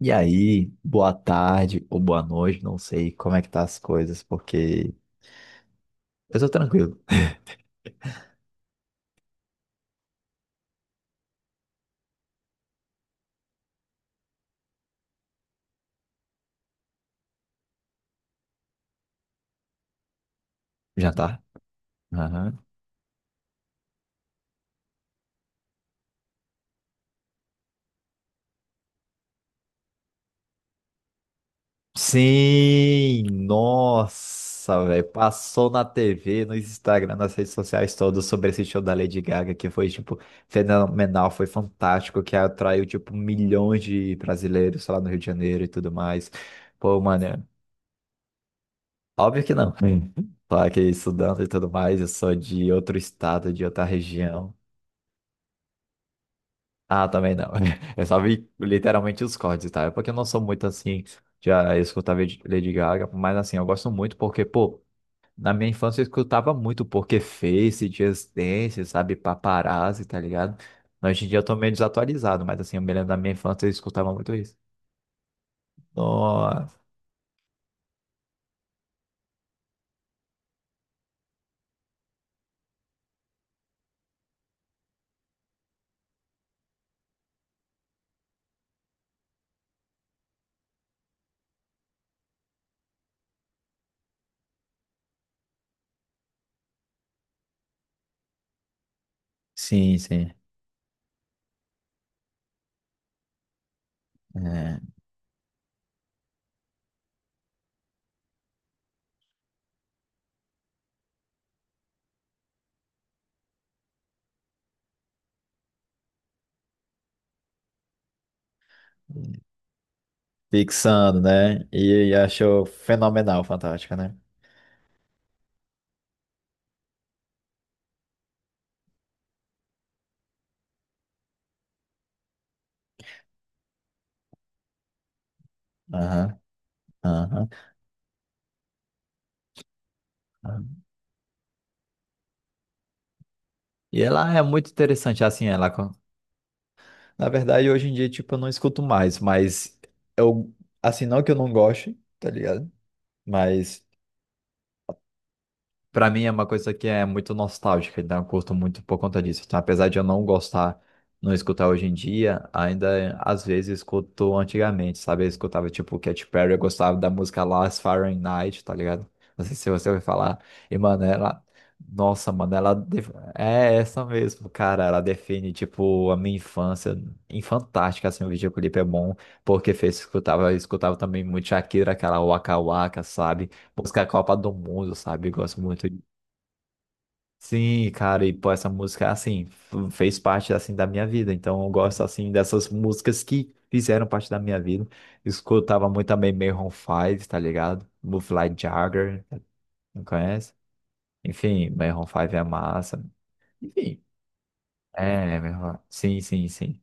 E aí, boa tarde ou boa noite, não sei como é que tá as coisas, porque eu tô tranquilo. Jantar? Aham. Sim, nossa, velho, passou na TV, no Instagram, nas redes sociais todas sobre esse show da Lady Gaga, que foi, tipo, fenomenal, foi fantástico, que atraiu, tipo, milhões de brasileiros lá no Rio de Janeiro e tudo mais. Pô, mano, óbvio que não. Hum. Só que estudando e tudo mais, eu sou de outro estado, de outra região. Ah, também não. Eu só vi literalmente os cortes, tá? É porque eu não sou muito assim, já escutava Lady Gaga, mas assim, eu gosto muito porque, pô, na minha infância eu escutava muito porque Face, Just Dance, sabe, Paparazzi, tá ligado? Hoje em dia eu tô meio desatualizado, mas assim, eu me lembro da minha infância eu escutava muito isso. Nossa. Sim, sim. É. Fixando, né? E achou fenomenal, fantástica, né? Aham, aham. E ela é muito interessante, assim, ela. Na verdade, hoje em dia, tipo, eu não escuto mais, mas eu, assim, não que eu não goste, tá ligado? Mas pra mim é uma coisa que é muito nostálgica, então eu curto muito por conta disso. Então, apesar de eu não gostar, não escutar hoje em dia, ainda às vezes escuto antigamente, sabe? Eu escutava tipo Katy Perry, eu gostava da música Last Friday Night, tá ligado? Não sei se você ouviu falar. E, mano, ela. Nossa, mano, ela. É essa mesmo, cara. Ela define, tipo, a minha infância. Em fantástica, assim, o videoclipe é bom, porque fez, escutava, eu escutava também muito Shakira, aquela Waka Waka, sabe? Música Copa do Mundo, sabe? Eu gosto muito. De- Sim, cara, e pô, essa música, assim, fez parte, assim, da minha vida. Então, eu gosto, assim, dessas músicas que fizeram parte da minha vida. Escutava muito também Maroon Five, tá ligado? Fly Jagger, não conhece? Enfim, Maroon Five é massa. Enfim, é, Maroon... Sim, sim, sim.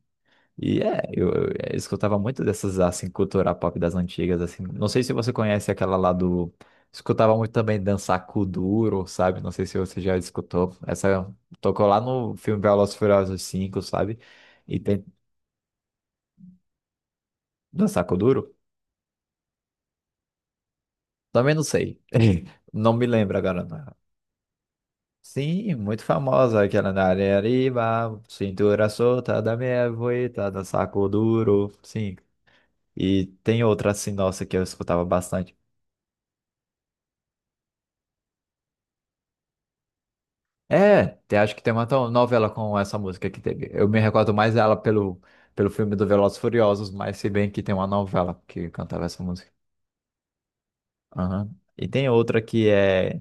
E é, eu é, eu escutava muito dessas, assim, cultura pop das antigas, assim. Não sei se você conhece aquela lá do... Escutava muito também dançar Kuduro, sabe? Não sei se você já escutou. Essa tocou lá no filme Velozes e Furiosos cinco, sabe? E tem dançar Kuduro? Também não sei. Não me lembro agora, não. Sim, muito famosa aquela na areia arriba, cintura solta da minha voita, dançar Kuduro, sim. E tem outra assim, nossa, que eu escutava bastante. É, acho que tem uma novela com essa música que teve. Eu me recordo mais dela pelo, pelo filme do Velozes e Furiosos, mas se bem que tem uma novela que cantava essa música. Aham. E tem outra que é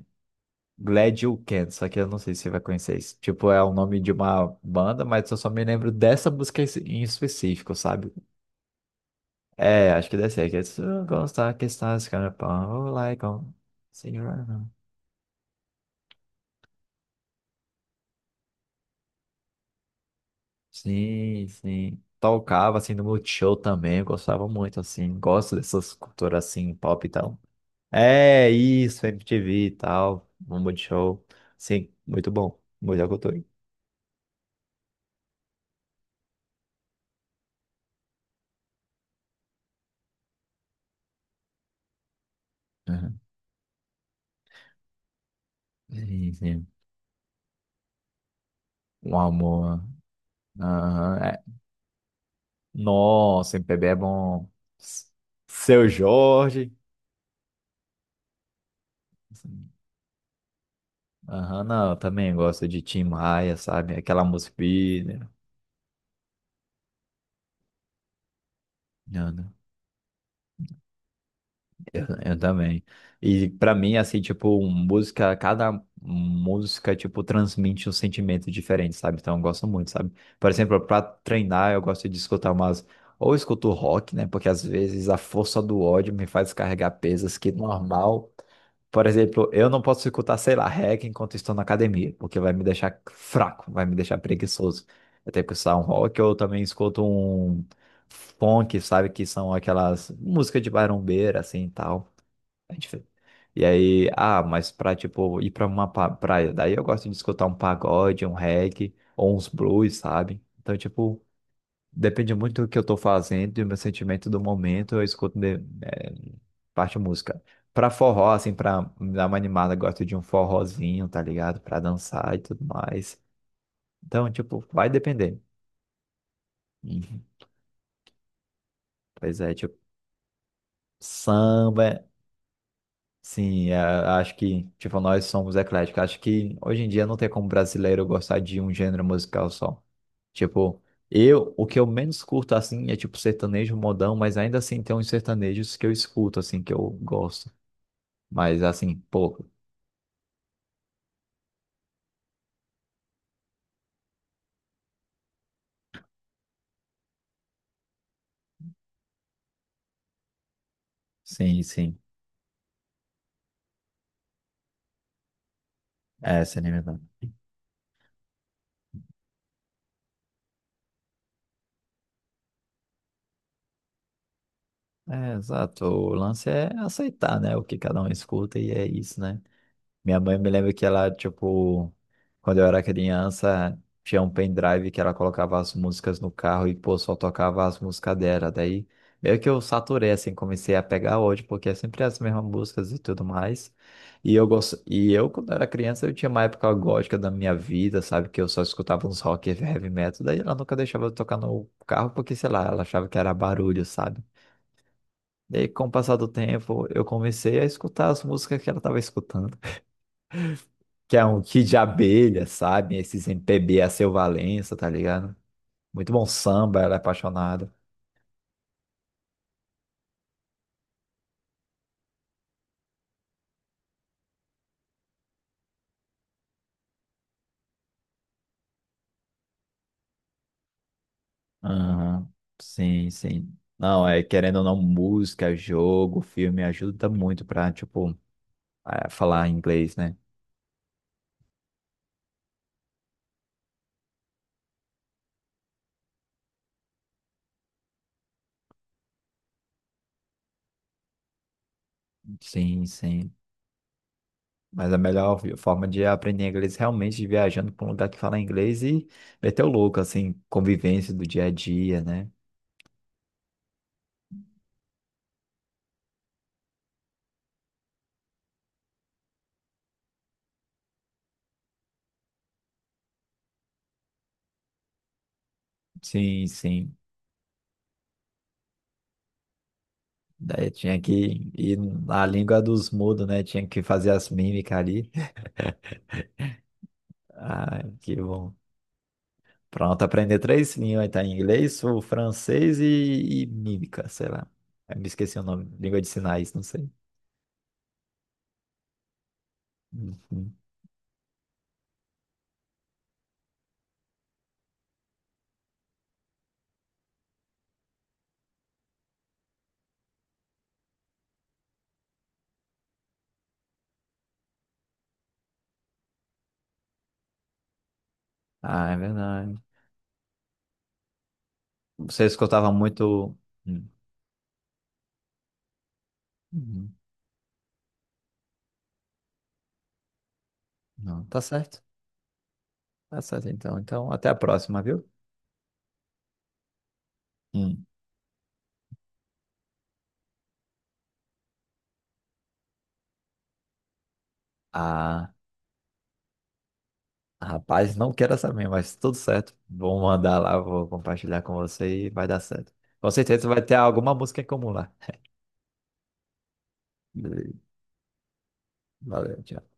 Glad You Can, só que eu não sei se você vai conhecer isso. Tipo, é o nome de uma banda, mas eu só me lembro dessa música em específico, sabe? É, acho que deve ser. Que é, "So gonna start, get started, it's gonna pop like on- see you around." Sim, sim. Tocava assim no Multishow também, eu gostava muito assim, gosto dessas culturas assim, pop e tal. É isso, MTV e tal, no Multishow. Sim, muito bom, muita cultura. Uhum. Sim, sim. Um amor. Aham, é. Nossa, MPB é bom. S- Seu Jorge. Aham, não, eu também gosto de Tim Maia, sabe? Aquela música. Né? Eu também. E pra mim, assim, tipo, música, cada música, tipo, transmite um sentimento diferente, sabe? Então eu gosto muito, sabe? Por exemplo, pra treinar, eu gosto de escutar umas. Ou eu escuto rock, né? Porque às vezes a força do ódio me faz carregar pesas que normal. Por exemplo, eu não posso escutar, sei lá, reggae enquanto estou na academia, porque vai me deixar fraco, vai me deixar preguiçoso. Eu tenho que escutar um rock, ou eu também escuto um funk, sabe? Que são aquelas músicas de barombeira, assim, e tal. A gente fe- E aí, ah, mas pra, tipo, ir pra uma praia, daí eu gosto de escutar um pagode, um reggae, ou uns blues, sabe? Então, tipo, depende muito do que eu tô fazendo e do meu sentimento do momento, eu escuto de, eh, parte música. Pra forró, assim, pra me dar uma animada, eu gosto de um forrozinho, tá ligado? Pra dançar e tudo mais. Então, tipo, vai depender. Uhum. Pois é, tipo, samba. É sim, é, acho que, tipo, nós somos ecléticos. Acho que hoje em dia não tem como brasileiro gostar de um gênero musical só. Tipo, eu, o que eu menos curto, assim, é tipo sertanejo modão, mas ainda assim tem uns sertanejos que eu escuto, assim, que eu gosto. Mas, assim, pouco. Sim, sim. É, se alimentando. É, exato. O lance é aceitar, né, o que cada um escuta e é isso, né? Minha mãe me lembra que ela, tipo, quando eu era criança, tinha um pendrive que ela colocava as músicas no carro e, pô, só tocava as músicas dela. Daí, meio que eu saturei, assim, comecei a pegar hoje, porque é sempre as mesmas músicas e tudo mais. E eu, gosto... e eu quando era criança, eu tinha uma época gótica da minha vida, sabe? Que eu só escutava uns rock e heavy metal. Daí ela nunca deixava eu tocar no carro, porque, sei lá, ela achava que era barulho, sabe? Daí, com o passar do tempo, eu comecei a escutar as músicas que ela estava escutando que é um kit de abelha, sabe? Esses MPB a seu Valença, tá ligado? Muito bom samba, ela é apaixonada. Aham, sim, sim. Não, é querendo ou não, música, jogo, filme ajuda muito pra, tipo, é, falar inglês, né? Sim, sim. Mas a melhor forma de aprender inglês é realmente viajando pra um lugar que fala inglês e meter o louco, assim, convivência do dia a dia, né? Sim, sim. Daí tinha que ir na língua dos mudos, né? Tinha que fazer as mímicas ali. Ah, que bom. Pronto, aprender três línguas, tá? Inglês, o francês e mímica, sei lá. Eu me esqueci o nome, língua de sinais, não sei. Uhum. Ah, é verdade. Você escutava muito. Hum. Uhum. Não, tá certo. Tá certo, então. Então, até a próxima, viu? Hum. Ah, rapaz, não quero saber, mas tudo certo. Vou mandar lá, vou compartilhar com você e vai dar certo. Com certeza vai ter alguma música em comum lá. Beleza. Valeu, tchau.